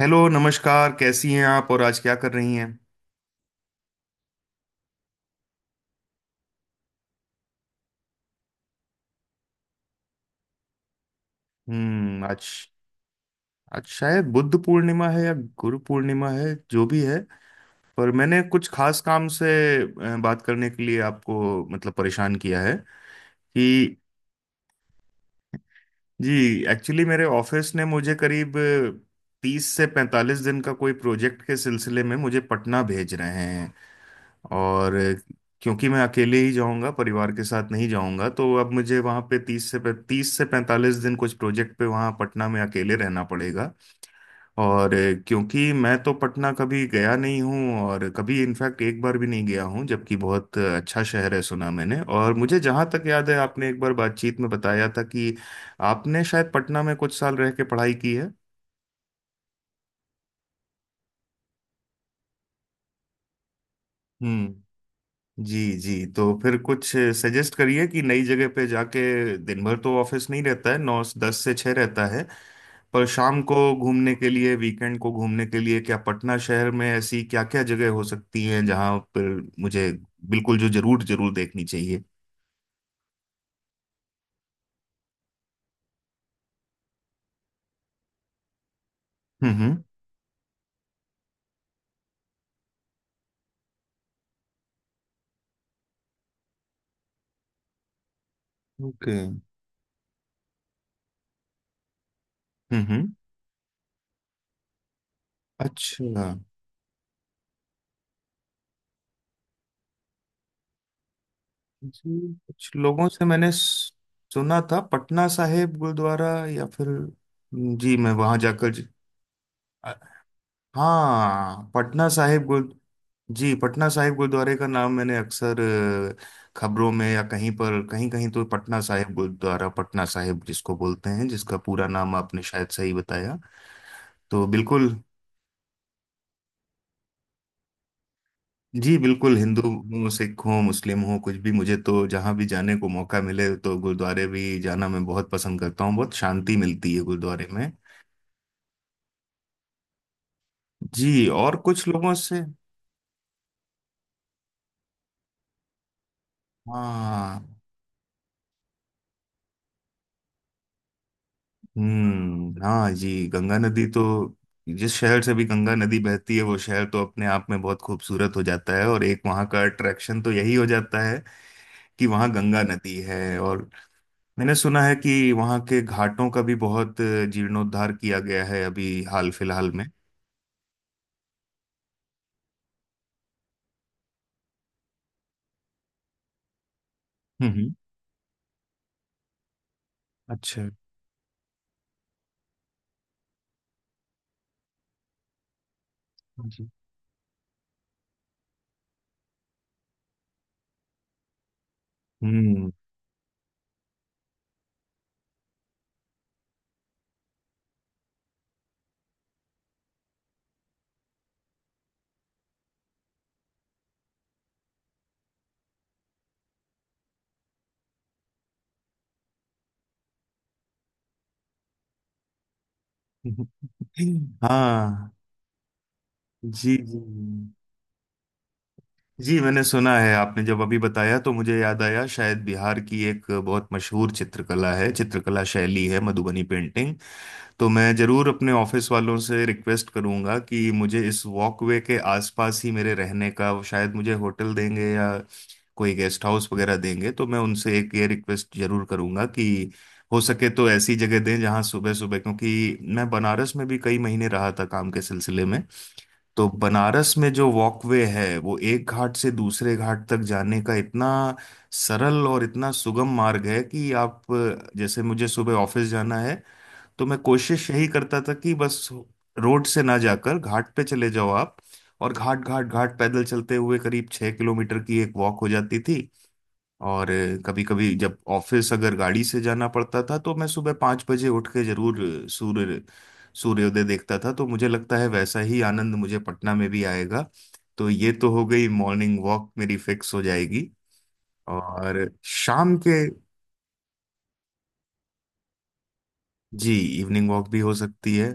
Hello नमस्कार, कैसी हैं आप और आज क्या कर रही हैं? हम्म। आज आज शायद बुद्ध पूर्णिमा है या गुरु पूर्णिमा है, जो भी है। पर मैंने कुछ खास काम से बात करने के लिए आपको मतलब परेशान किया है कि। जी। एक्चुअली मेरे ऑफिस ने मुझे करीब 30 से 45 दिन का कोई प्रोजेक्ट के सिलसिले में मुझे पटना भेज रहे हैं। और क्योंकि मैं अकेले ही जाऊंगा, परिवार के साथ नहीं जाऊंगा, तो अब मुझे वहाँ पे तीस से पैंतालीस दिन कुछ प्रोजेक्ट पे वहाँ पटना में अकेले रहना पड़ेगा। और क्योंकि मैं तो पटना कभी गया नहीं हूँ और कभी इनफैक्ट एक बार भी नहीं गया हूँ, जबकि बहुत अच्छा शहर है, सुना मैंने। और मुझे जहाँ तक याद है, आपने एक बार बातचीत में बताया था कि आपने शायद पटना में कुछ साल रह के पढ़ाई की है। हम्म। जी जी, तो फिर कुछ सजेस्ट करिए कि नई जगह पे जाके दिन भर तो ऑफिस नहीं रहता है, 9-10 से 6 रहता है। पर शाम को घूमने के लिए, वीकेंड को घूमने के लिए क्या पटना शहर में ऐसी क्या क्या जगह हो सकती हैं जहाँ पर मुझे बिल्कुल जो जरूर जरूर देखनी चाहिए? हम्म। ओके। हम्म। अच्छा। जी कुछ लोगों से मैंने सुना था पटना साहिब गुरुद्वारा, या फिर। जी मैं वहां जाकर। हाँ। पटना साहिब गुरुद्व जी, पटना साहिब गुरुद्वारे का नाम मैंने अक्सर खबरों में या कहीं पर कहीं कहीं तो पटना साहिब गुरुद्वारा, पटना साहिब जिसको बोलते हैं, जिसका पूरा नाम आपने शायद सही बताया। तो बिल्कुल। जी बिल्कुल, हिंदू हो, सिख हो, मुस्लिम हो, कुछ भी, मुझे तो जहाँ भी जाने को मौका मिले तो गुरुद्वारे भी जाना मैं बहुत पसंद करता हूँ, बहुत शांति मिलती है गुरुद्वारे में। जी और कुछ लोगों से। हाँ। हम्म। हाँ जी, गंगा नदी तो जिस शहर से भी गंगा नदी बहती है वो शहर तो अपने आप में बहुत खूबसूरत हो जाता है, और एक वहाँ का अट्रैक्शन तो यही हो जाता है कि वहाँ गंगा नदी है। और मैंने सुना है कि वहाँ के घाटों का भी बहुत जीर्णोद्धार किया गया है अभी हाल फिलहाल में। हम्म हम्म। अच्छा। जी। हम्म। हाँ। जी जी। जी मैंने सुना है, आपने जब अभी बताया तो मुझे याद आया, शायद बिहार की एक बहुत मशहूर चित्रकला है, चित्रकला शैली है मधुबनी पेंटिंग। तो मैं जरूर अपने ऑफिस वालों से रिक्वेस्ट करूंगा कि मुझे इस वॉकवे के आसपास ही मेरे रहने का वो शायद मुझे होटल देंगे या कोई गेस्ट हाउस वगैरह देंगे, तो मैं उनसे एक ये रिक्वेस्ट जरूर करूंगा कि हो सके तो ऐसी जगह दें जहां सुबह सुबह, क्योंकि मैं बनारस में भी कई महीने रहा था काम के सिलसिले में, तो बनारस में जो वॉकवे है वो एक घाट से दूसरे घाट तक जाने का इतना सरल और इतना सुगम मार्ग है कि आप, जैसे मुझे सुबह ऑफिस जाना है, तो मैं कोशिश यही करता था कि बस रोड से ना जाकर घाट पे चले जाओ आप, और घाट घाट घाट पैदल चलते हुए करीब 6 किलोमीटर की एक वॉक हो जाती थी। और कभी कभी जब ऑफिस अगर गाड़ी से जाना पड़ता था तो मैं सुबह 5 बजे उठ के जरूर सूर्य सूर्योदय देखता था, तो मुझे लगता है वैसा ही आनंद मुझे पटना में भी आएगा। तो ये तो हो गई, मॉर्निंग वॉक मेरी फिक्स हो जाएगी। और शाम के। जी, इवनिंग वॉक भी हो सकती है।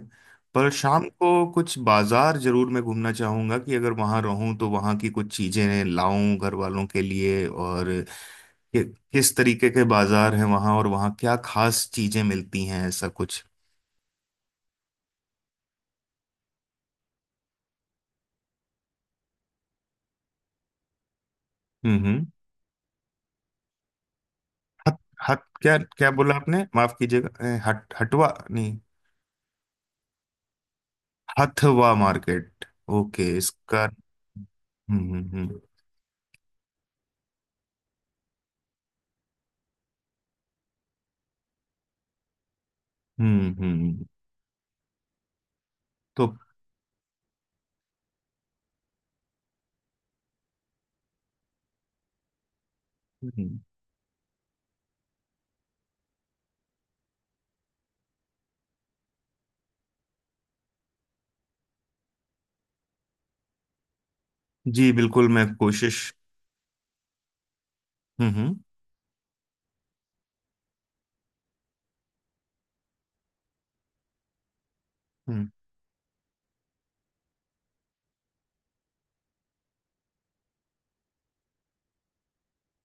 पर शाम को कुछ बाजार जरूर मैं घूमना चाहूंगा कि अगर वहां रहूं तो वहां की कुछ चीजें लाऊं घर वालों के लिए, और कि, किस तरीके के बाजार हैं वहां और वहां क्या खास चीजें मिलती हैं, ऐसा कुछ। हम्म। हट। हट क्या क्या बोला आपने, माफ कीजिएगा? हट, हटवा नहीं? हथवा मार्केट, ओके। इसका। हम्म। हम्म हम्म हम्म। तो। हम्म। जी बिल्कुल, मैं कोशिश। हम्म हम्म हम्म।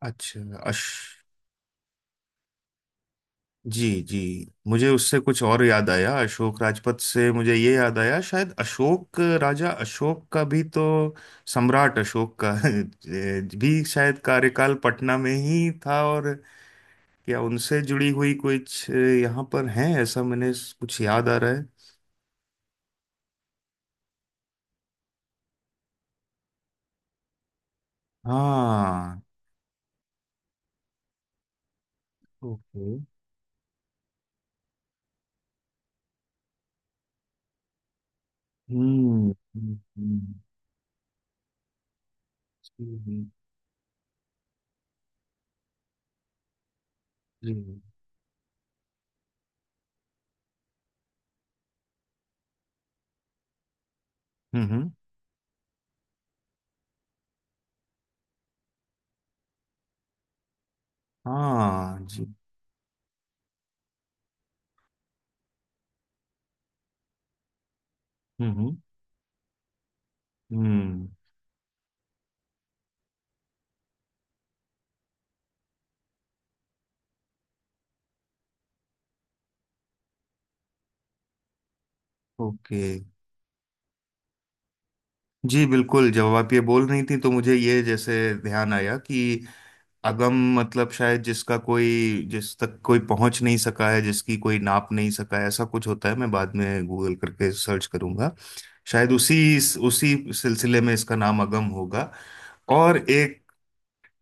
अच्छा। अश जी जी, मुझे उससे कुछ और याद आया, अशोक राजपथ से मुझे ये याद आया, शायद अशोक, राजा अशोक का भी तो, सम्राट अशोक का भी शायद कार्यकाल पटना में ही था। और क्या उनसे जुड़ी हुई कुछ यहाँ पर है, ऐसा मैंने कुछ याद आ रहा है? हाँ। ओके। हम्म। हम्म। हम्म। जी जी। हम्म। हम्म। हाँ जी। हम्म। हम्म। ओके। जी बिल्कुल, जब आप ये बोल रही थी तो मुझे ये जैसे ध्यान आया कि अगम मतलब शायद जिसका कोई, जिस तक कोई पहुंच नहीं सका है, जिसकी कोई नाप नहीं सका है, ऐसा कुछ होता है, मैं बाद में गूगल करके सर्च करूंगा, शायद उसी उसी सिलसिले में इसका नाम अगम होगा। और एक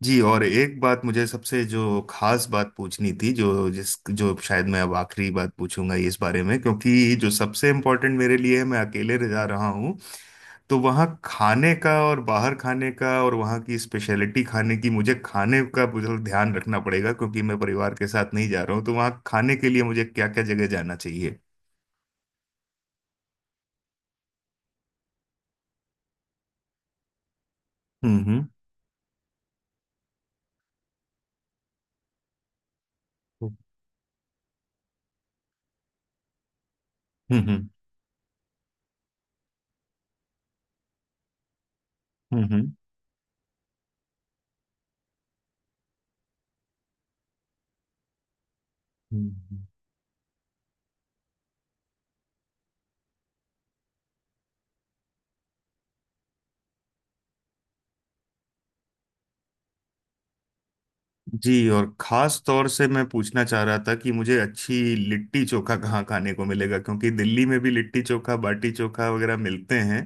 जी, और एक बात मुझे सबसे जो खास बात पूछनी थी, जो शायद मैं अब आखिरी बात पूछूंगा इस बारे में, क्योंकि जो सबसे इम्पोर्टेंट मेरे लिए है, मैं अकेले रह जा रहा हूँ, तो वहाँ खाने का और बाहर खाने का और वहाँ की स्पेशलिटी खाने की, मुझे खाने का मुझे ध्यान रखना पड़ेगा क्योंकि मैं परिवार के साथ नहीं जा रहा हूँ, तो वहाँ खाने के लिए मुझे क्या क्या जगह जाना चाहिए? हम्म। हम्म हम्म। हम्म। जी और खास तौर से मैं पूछना चाह रहा था कि मुझे अच्छी लिट्टी चोखा कहाँ खाने को मिलेगा, क्योंकि दिल्ली में भी लिट्टी चोखा, बाटी चोखा वगैरह मिलते हैं,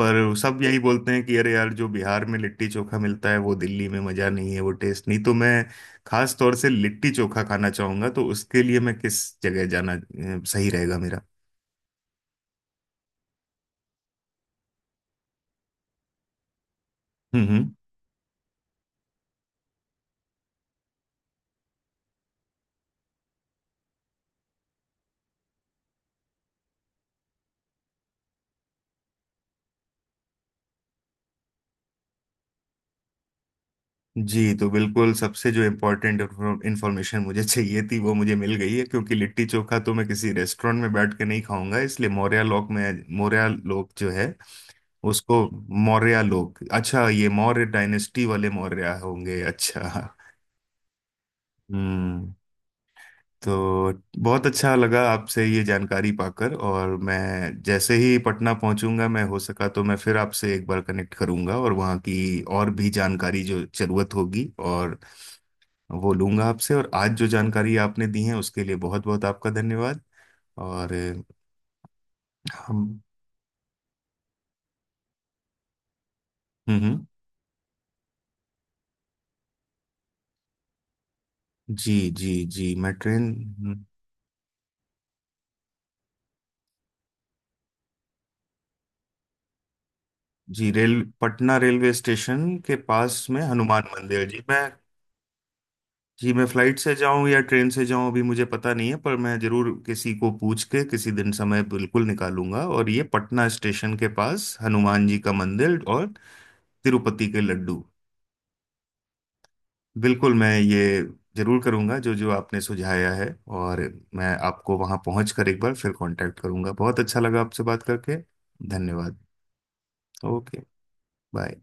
पर सब यही बोलते हैं कि अरे यार जो बिहार में लिट्टी चोखा मिलता है वो दिल्ली में मजा नहीं, है वो टेस्ट नहीं, तो मैं खास तौर से लिट्टी चोखा खाना चाहूंगा, तो उसके लिए मैं किस जगह जाना सही रहेगा मेरा? हम्म हम्म। जी तो बिल्कुल, सबसे जो इम्पोर्टेंट इंफॉर्मेशन मुझे चाहिए थी वो मुझे मिल गई है, क्योंकि लिट्टी चोखा तो मैं किसी रेस्टोरेंट में बैठ के नहीं खाऊंगा, इसलिए मौर्या लोक में, मौर्या लोक जो है उसको मौर्या लोक, अच्छा ये मौर्य डायनेस्टी वाले मौर्या होंगे, अच्छा। हम्म। तो बहुत अच्छा लगा आपसे ये जानकारी पाकर, और मैं जैसे ही पटना पहुंचूंगा, मैं हो सका तो मैं फिर आपसे एक बार कनेक्ट करूंगा और वहाँ की और भी जानकारी जो जरूरत होगी, और वो लूंगा आपसे, और आज जो जानकारी आपने दी है उसके लिए बहुत बहुत आपका धन्यवाद। और हम हम्म। जी जी जी, मैं ट्रेन। जी रेल, पटना रेलवे स्टेशन के पास में हनुमान मंदिर, जी मैं। जी मैं फ्लाइट से जाऊं या ट्रेन से जाऊं अभी मुझे पता नहीं है, पर मैं जरूर किसी को पूछ के किसी दिन समय बिल्कुल निकालूंगा। और ये पटना स्टेशन के पास हनुमान जी का मंदिर और तिरुपति के लड्डू, बिल्कुल मैं ये जरूर करूंगा जो जो आपने सुझाया है। और मैं आपको वहां पहुंच कर एक बार फिर कांटेक्ट करूंगा, बहुत अच्छा लगा आपसे बात करके। धन्यवाद। ओके। बाय।